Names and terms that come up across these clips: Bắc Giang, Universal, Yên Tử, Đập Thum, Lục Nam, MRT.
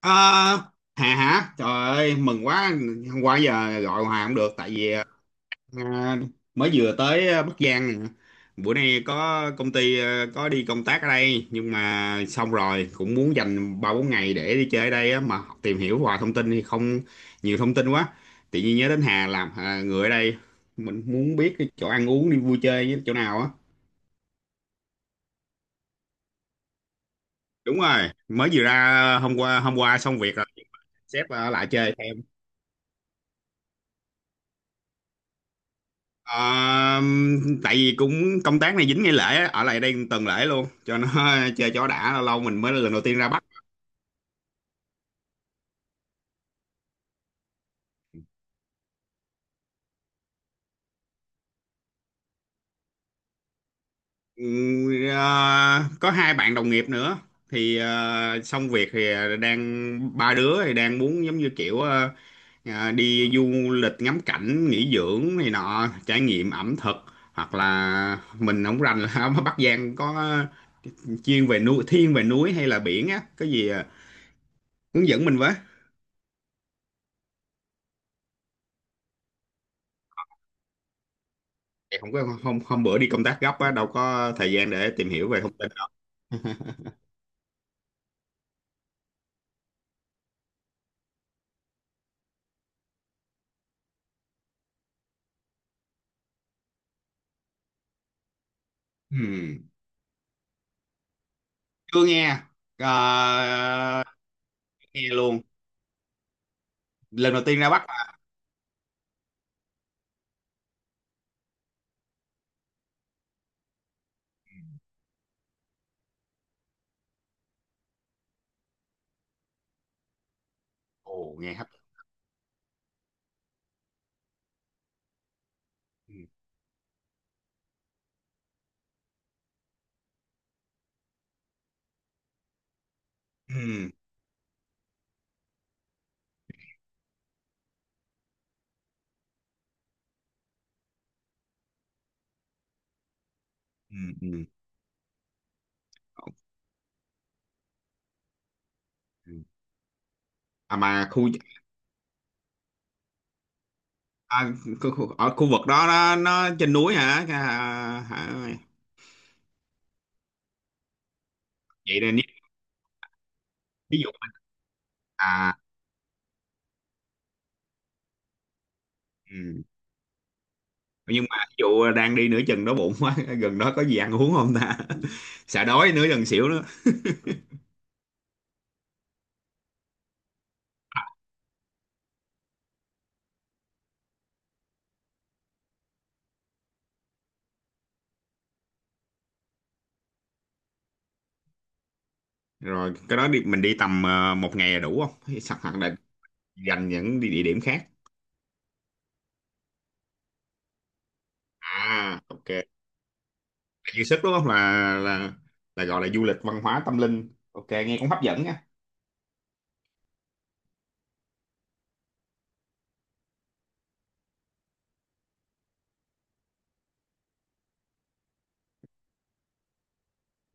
Ờ, Hà hả? Trời ơi, mừng quá. Hôm qua giờ gọi hòa không được tại vì ờ, mới vừa tới Bắc Giang nè. Bữa nay có đi công tác ở đây nhưng mà xong rồi cũng muốn dành 3 4 ngày để đi chơi ở đây á, mà tìm hiểu hòa thông tin thì không nhiều thông tin quá. Tự nhiên nhớ đến Hà làm à, người ở đây mình muốn biết cái chỗ ăn uống đi vui chơi với chỗ nào á. Đúng rồi, mới vừa ra hôm qua xong việc rồi sếp lại chơi. Ờ, tại vì cũng công tác này dính ngày lễ á, ở lại đây tuần lễ luôn cho nó chơi cho đã, lâu lâu mình mới lần đầu tiên ra Bắc. Ừ, có hai bạn đồng nghiệp nữa thì xong việc thì đang ba đứa thì đang muốn giống như kiểu đi du lịch ngắm cảnh nghỉ dưỡng này nọ, trải nghiệm ẩm thực. Hoặc là mình không rành là ở Bắc Giang có chuyên về núi, thiên về núi hay là biển á, cái gì hướng dẫn mình với. Thì không có, hôm hôm bữa đi công tác gấp á đâu có thời gian để tìm hiểu về thông tin đó. Ừm, chưa nghe. Ờ, chưa nghe luôn, lần đầu tiên ra Bắc mà. Ồ, nghe hấp dẫn. Ừm. Ừm. Ừm. Ừm. à mà khu, à, khu khu- ở khu vực đó nó trên núi hả, à, hả? Vậy nên, ví dụ. À, ừm. Nhưng mà ví dụ đang đi nửa chừng đói bụng quá gần đó có gì ăn uống không ta? Sợ đói nửa chừng xỉu. Rồi cái đó đi, mình đi tầm một ngày là đủ không? Hay sẵn hoặc là dành những địa địa điểm khác. À, ok là dư sức đúng không, là là gọi là du lịch văn hóa tâm linh, ok nghe cũng hấp dẫn nha.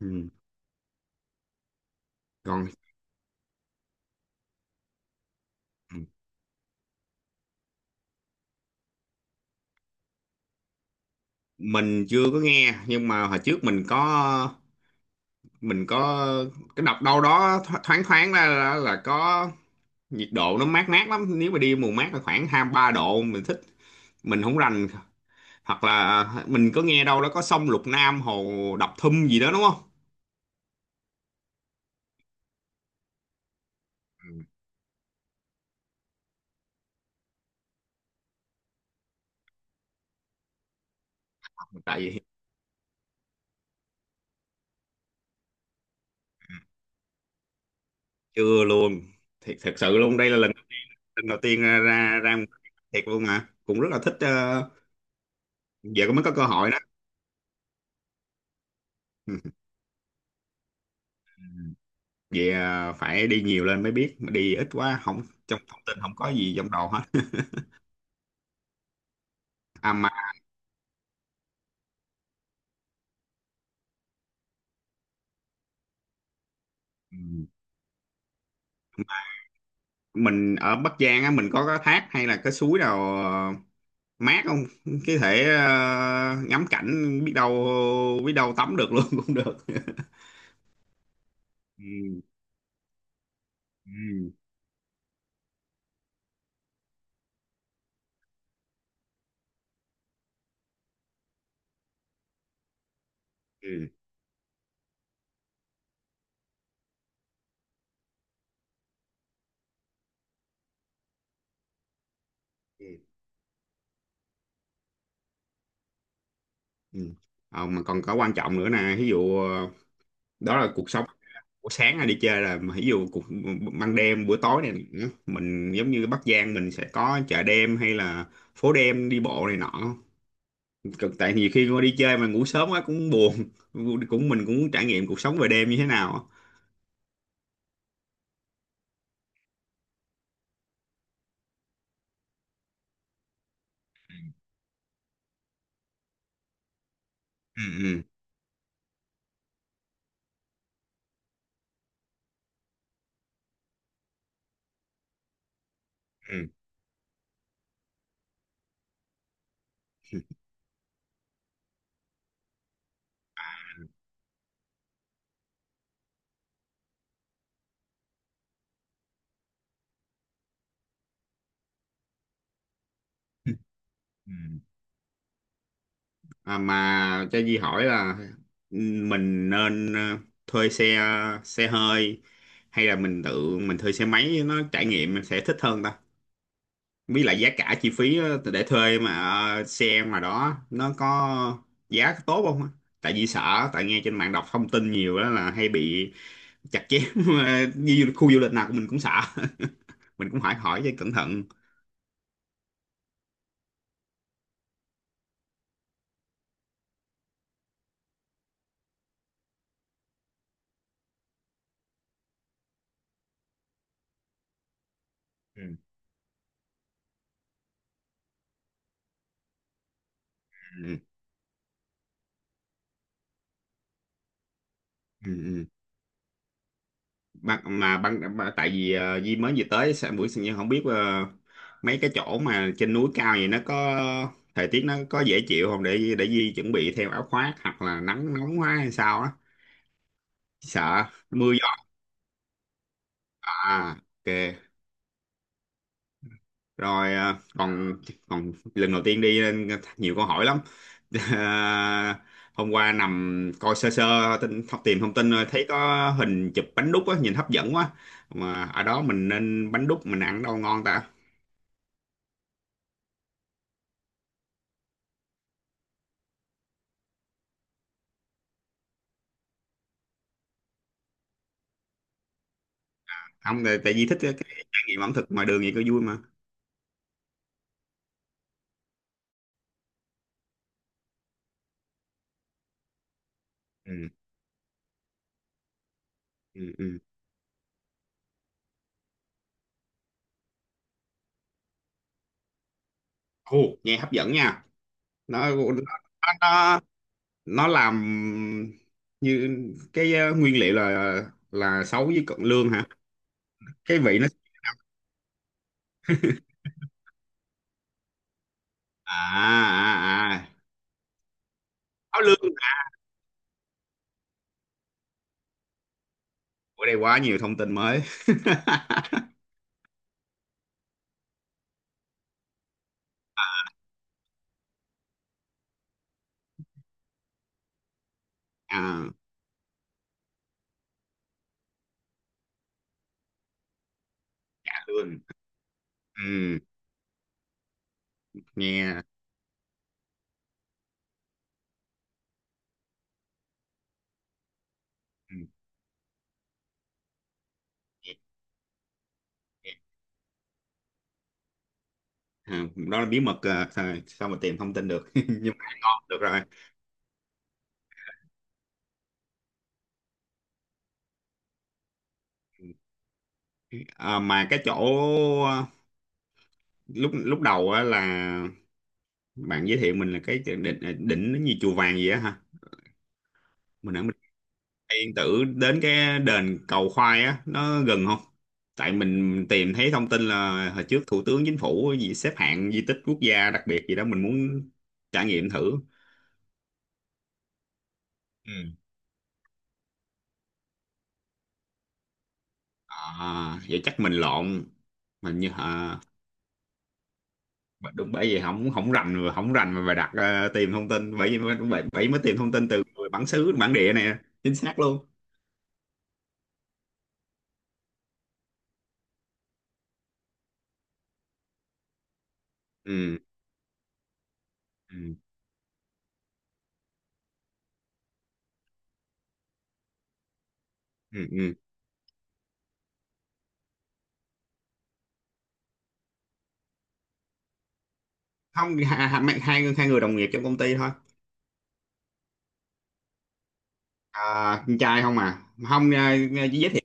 Ừ. Còn mình chưa có nghe, nhưng mà hồi trước mình có cái đọc đâu đó thoáng thoáng ra là có nhiệt độ nó mát mát lắm, nếu mà đi mùa mát là khoảng hai ba độ mình thích. Mình không rành, hoặc là à, mình có nghe đâu đó có sông Lục Nam, hồ Đập Thum gì đó đúng không? Tại vì chưa luôn, thiệt, thật sự luôn, đây là lần đầu tiên ra ra ra một cái thiệt luôn mà cũng rất là thích, giờ cũng mới có cơ hội đó. Ừ. Vậy phải đi nhiều lên mới biết, mà đi ít quá không, trong thông tin không có gì trong đầu hết. À mà, ừ, mình ở Bắc Giang á mình có cái thác hay là cái suối nào mát không, cái thể ngắm cảnh, biết đâu tắm được luôn cũng được. Ừ. Ừ. Ừ. Ừ. Mà còn có quan trọng nữa nè, ví dụ đó là cuộc sống buổi sáng hay đi chơi là, mà ví dụ cuộc ban đêm buổi tối này nữa, mình giống như Bắc Giang mình sẽ có chợ đêm hay là phố đêm đi bộ này nọ. Tại nhiều khi mà đi chơi mà ngủ sớm quá cũng buồn, cũng mình cũng muốn trải nghiệm cuộc sống về đêm như thế nào. Ừ. Ừ. Ừ. Ừ. À, mà cho Di hỏi là, ừ, mình nên thuê xe xe hơi, hay là mình tự mình thuê xe máy nó trải nghiệm mình sẽ thích hơn ta? Với lại giá cả chi phí, để thuê mà xe mà đó nó có giá tốt không? Á? Tại vì sợ, tại nghe trên mạng đọc thông tin nhiều đó là hay bị chặt chém như khu du lịch nào của mình cũng sợ. Mình cũng phải hỏi cho cẩn thận. Ừ. Ừ. Ừ. Ban mà tại vì Di mới vừa tới sẽ buổi sinh nhật, không biết mấy cái chỗ mà trên núi cao vậy nó có thời tiết nó có dễ chịu không, để Di chuẩn bị theo áo khoác, hoặc là nắng nóng quá hay sao á, sợ mưa gió. À, ok rồi, còn, lần đầu tiên đi nên nhiều câu hỏi lắm. Ờ, hôm qua nằm coi sơ sơ tin thông tìm thông tin, rồi thấy có hình chụp bánh đúc á, nhìn hấp dẫn quá, mà ở đó mình nên bánh đúc mình ăn đâu ngon ta? Không, tại tại vì thích cái trải nghiệm ẩm thực ngoài đường vậy có vui mà. Ừ. Ừ. Ừ. Ồ, nghe hấp dẫn nha. Nó nó nó, nó làm như cái, nguyên liệu là, sấu với cận lương hả? Cái vị nó, à, à, à. Sấu lương à. Ở đây quá nhiều thông tin mới. À, chả lương. Ừ. Nghe. Ừ. nghe- Nghe. À, đó là bí mật à, sao mà tìm thông tin được nhưng mà ngon được rồi. À, mà cái chỗ ờ, lúc lúc đầu á là bạn giới thiệu mình là cái đỉnh, đỉnh nó như chùa vàng gì á ha. Mình Yên Tử đến cái đền cầu khoai á nó gần không? Tại mình tìm thấy thông tin là hồi trước thủ tướng chính phủ gì xếp hạng di tích quốc gia đặc biệt gì đó, mình muốn trải nghiệm thử. Ừ. À, vậy chắc mình lộn. Mình như À, mà đúng, bởi vì không không rành mà phải đặt, tìm thông tin, bởi vì mới- bởi, bởi mới tìm thông tin từ người bản xứ, bản địa này chính xác luôn. Ừ. Ừ. Ừ. Ừ. Không, hai người đồng nghiệp trong công ty thôi. À, con trai không à, không à, chỉ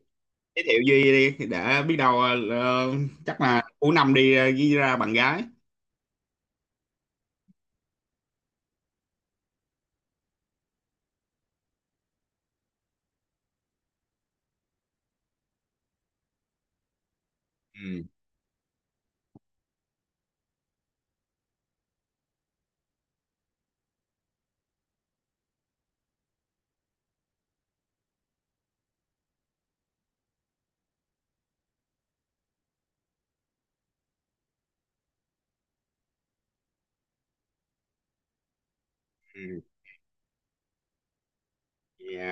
giới thiệu Duy đi để biết đâu chắc là cuối năm đi ghi ra bạn gái. Ừ. Ừ. Dạ,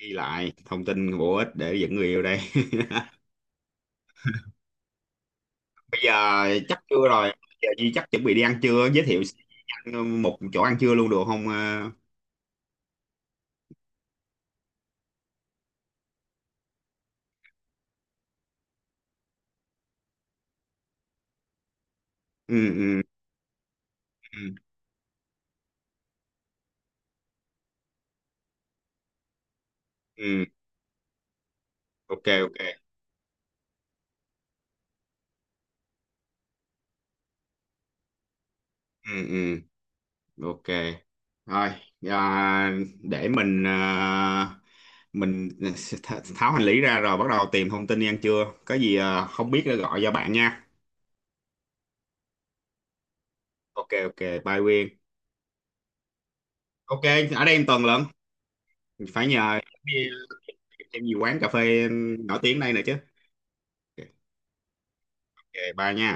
ghi lại thông tin bổ ích để dẫn người yêu đây. Bây giờ chắc trưa rồi, giờ Duy chắc chuẩn bị đi ăn trưa, giới thiệu một chỗ ăn trưa luôn được không? Ờ, ừ. Ừ. Ừ. Ừ. Ok, ok. Ừ. Ừ. Ok. Thôi, à, để mình, à, mình tháo hành lý ra rồi bắt đầu tìm thông tin đi ăn trưa, có gì à, không biết nữa gọi cho bạn nha. Ok, ok. Bye Quyên. Ok, ở đây em Tuần lận, phải nhờ đi, em gì quán cà phê nổi tiếng đây nè chứ. Ok, bye nha.